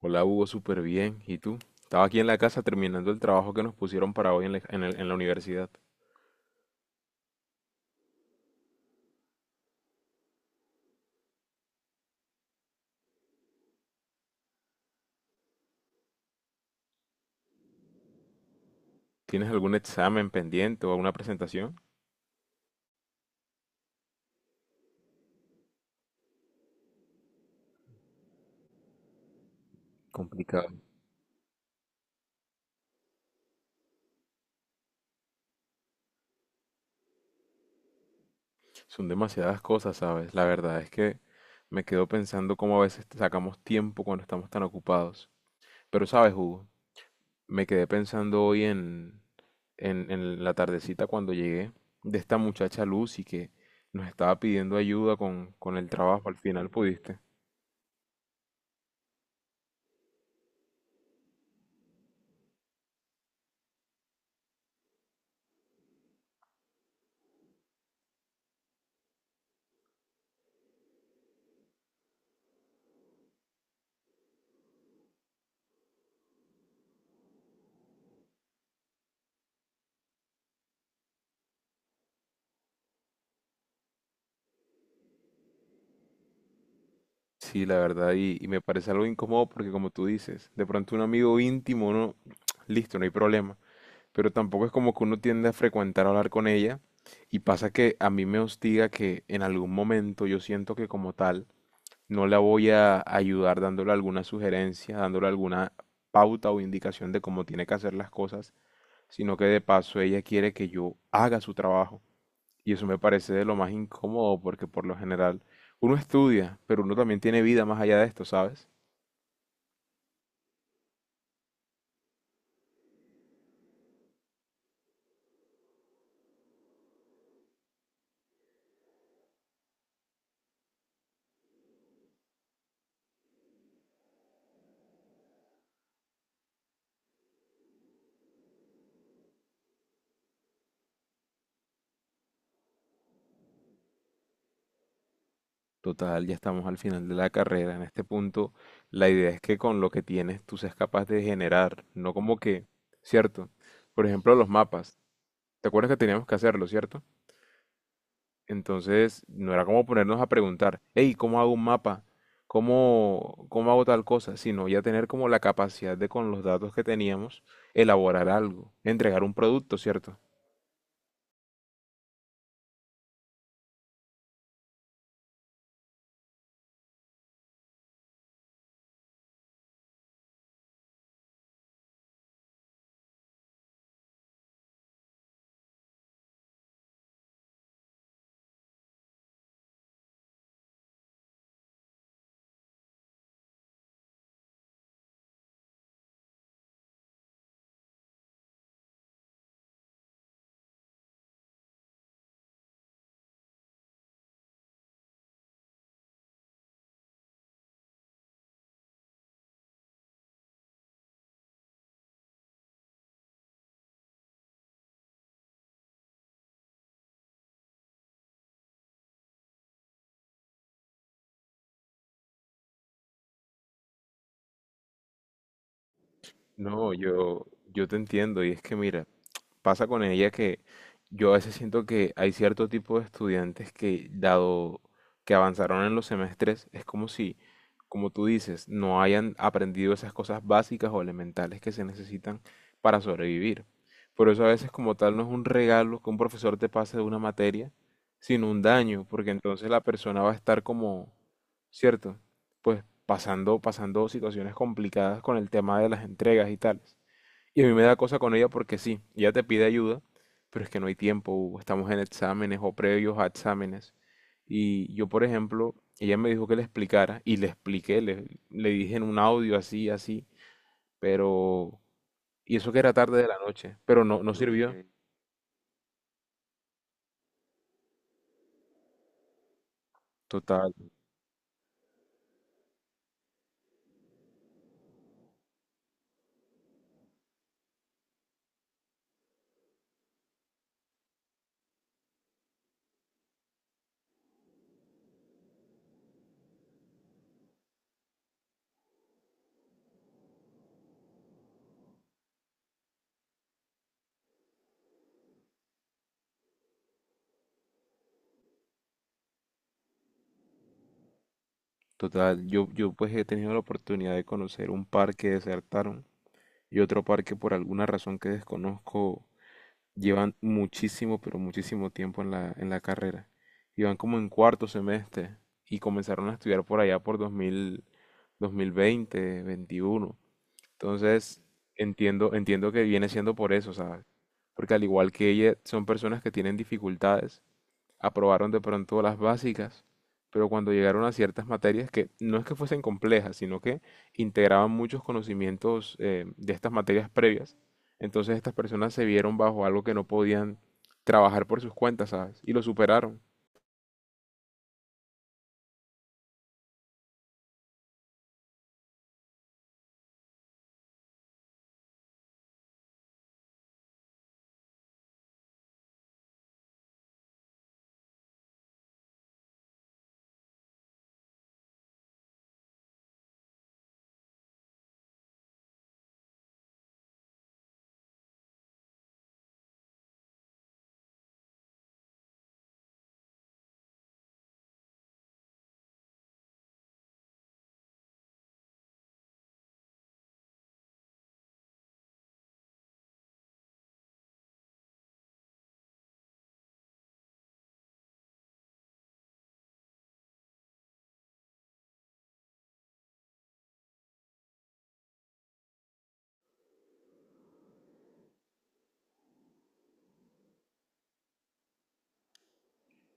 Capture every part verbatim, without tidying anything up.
Hola Hugo, súper bien. ¿Y tú? Estaba aquí en la casa terminando el trabajo que nos pusieron para hoy en la, en el- en la universidad. ¿Tienes algún examen pendiente o alguna presentación? Complicado. Son demasiadas cosas, ¿sabes? La verdad es que me quedo pensando cómo a veces sacamos tiempo cuando estamos tan ocupados. Pero sabes, Hugo, me quedé pensando hoy en, en, en la tardecita cuando llegué de esta muchacha Lucy que nos estaba pidiendo ayuda con, con el trabajo. Al final pudiste. Sí, la verdad, y, y me parece algo incómodo porque como tú dices, de pronto un amigo íntimo, no, listo, no hay problema, pero tampoco es como que uno tiende a frecuentar hablar con ella y pasa que a mí me hostiga que en algún momento yo siento que como tal no la voy a ayudar dándole alguna sugerencia, dándole alguna pauta o indicación de cómo tiene que hacer las cosas, sino que de paso ella quiere que yo haga su trabajo. Y eso me parece de lo más incómodo porque por lo general uno estudia, pero uno también tiene vida más allá de esto, ¿sabes? Total, ya estamos al final de la carrera. En este punto, la idea es que con lo que tienes tú seas capaz de generar, no como que, ¿cierto? Por ejemplo, los mapas. ¿Te acuerdas que teníamos que hacerlo, cierto? Entonces, no era como ponernos a preguntar, hey, ¿cómo hago un mapa? ¿Cómo, cómo hago tal cosa? Sino ya tener como la capacidad de con los datos que teníamos, elaborar algo, entregar un producto, ¿cierto? No, yo, yo te entiendo y es que mira, pasa con ella que yo a veces siento que hay cierto tipo de estudiantes que, dado que avanzaron en los semestres, es como si, como tú dices, no hayan aprendido esas cosas básicas o elementales que se necesitan para sobrevivir. Por eso a veces como tal no es un regalo que un profesor te pase de una materia, sino un daño, porque entonces la persona va a estar como, ¿cierto? Pues pasando, pasando situaciones complicadas con el tema de las entregas y tales. Y a mí me da cosa con ella porque sí, ella te pide ayuda, pero es que no hay tiempo, Hugo. Estamos en exámenes o previos a exámenes. Y yo, por ejemplo, ella me dijo que le explicara y le expliqué, le, le dije en un audio así, así, pero... Y eso que era tarde de la noche, pero no, no sirvió. Ok. Total, total. Yo, yo pues he tenido la oportunidad de conocer un par que desertaron y otro par que por alguna razón que desconozco llevan muchísimo, pero muchísimo tiempo en la, en la carrera. Iban como en cuarto semestre y comenzaron a estudiar por allá por dos mil, dos mil veinte, veintiuno. Entonces, entiendo, entiendo que viene siendo por eso, ¿sabes? Porque al igual que ella, son personas que tienen dificultades, aprobaron de pronto las básicas, pero cuando llegaron a ciertas materias que no es que fuesen complejas, sino que integraban muchos conocimientos, eh, de estas materias previas, entonces estas personas se vieron bajo algo que no podían trabajar por sus cuentas, ¿sabes? Y lo superaron.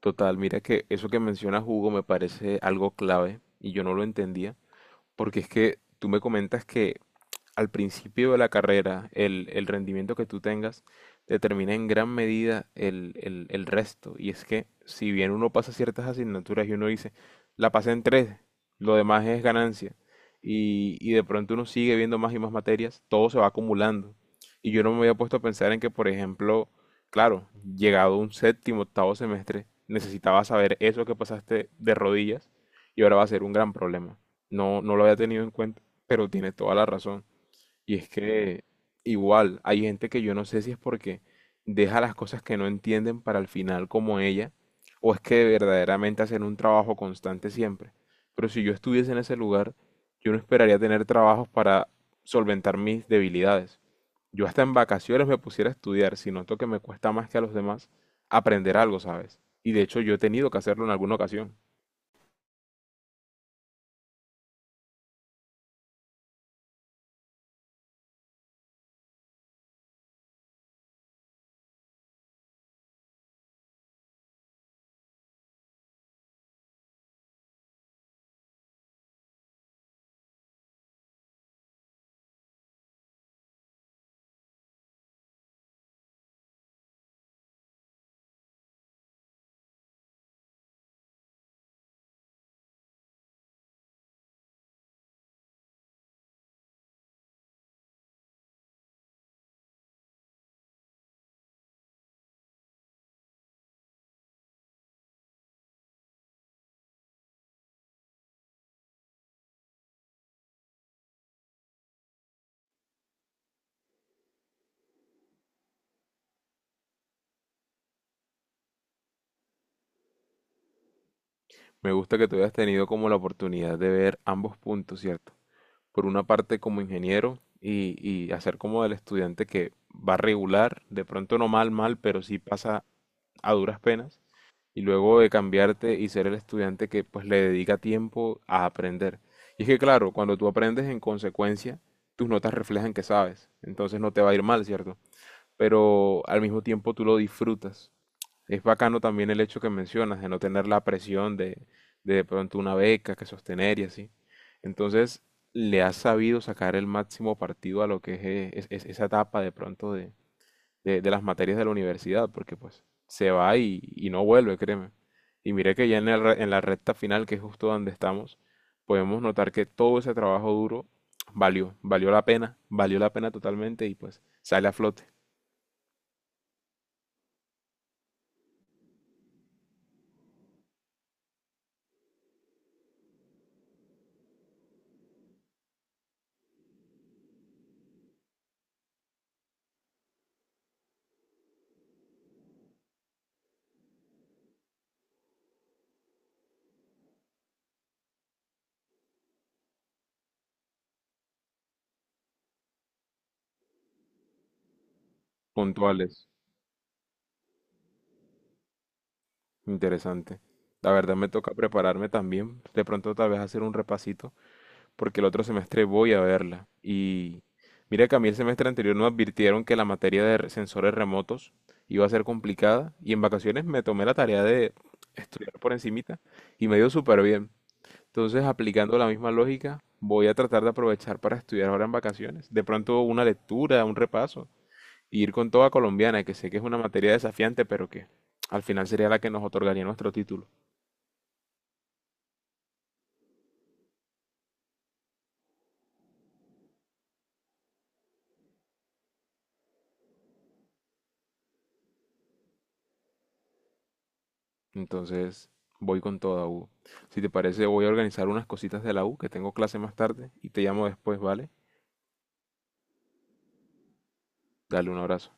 Total, mira que eso que menciona Hugo, me parece algo clave y yo no lo entendía, porque es que tú me comentas que al principio de la carrera, el, el rendimiento que tú tengas determina en gran medida el, el, el resto. Y es que si bien uno pasa ciertas asignaturas y uno dice, la pasé en tres, lo demás es ganancia, y, y de pronto uno sigue viendo más y más materias, todo se va acumulando. Y yo no me había puesto a pensar en que, por ejemplo, claro, llegado un séptimo, octavo semestre, necesitaba saber eso que pasaste de rodillas y ahora va a ser un gran problema. No, no lo había tenido en cuenta, pero tiene toda la razón. Y es que igual hay gente que yo no sé si es porque deja las cosas que no entienden para el final como ella, o es que verdaderamente hacen un trabajo constante siempre. Pero si yo estuviese en ese lugar, yo no esperaría tener trabajos para solventar mis debilidades. Yo hasta en vacaciones me pusiera a estudiar si noto que me cuesta más que a los demás aprender algo, ¿sabes? Y de hecho yo he tenido que hacerlo en alguna ocasión. Me gusta que tú hayas tenido como la oportunidad de ver ambos puntos, ¿cierto? Por una parte como ingeniero y, y hacer como del estudiante que va regular, de pronto no mal, mal, pero sí pasa a duras penas, y luego de cambiarte y ser el estudiante que pues le dedica tiempo a aprender. Y es que claro, cuando tú aprendes en consecuencia, tus notas reflejan que sabes, entonces no te va a ir mal, ¿cierto? Pero al mismo tiempo tú lo disfrutas, es bacano también el hecho que mencionas de no tener la presión de de, de pronto una beca que sostener y así. Entonces, le has sabido sacar el máximo partido a lo que es, eh, es- es- esa etapa de pronto de, de- de las materias de la universidad, porque pues se va y, y no vuelve, créeme. Y mire que ya en el re- en la recta final, que es justo donde estamos, podemos notar que todo ese trabajo duro valió, valió la pena, valió la pena totalmente y pues sale a flote, puntuales. Interesante. La verdad me toca prepararme también, de pronto tal vez hacer un repasito, porque el otro semestre voy a verla. Y mira que a mí el semestre anterior nos advirtieron que la materia de re- sensores remotos iba a ser complicada y en vacaciones me tomé la tarea de estudiar por encimita y me dio súper bien. Entonces, aplicando la misma lógica, voy a tratar de aprovechar para estudiar ahora en vacaciones. De pronto una lectura, un repaso, y ir con toda colombiana, que sé que es una materia desafiante, pero que al final sería la que nos otorgaría nuestro título. Entonces, voy con toda U. Si te parece, voy a organizar unas cositas de la U, que tengo clase más tarde, y te llamo después, ¿vale? Dale un abrazo.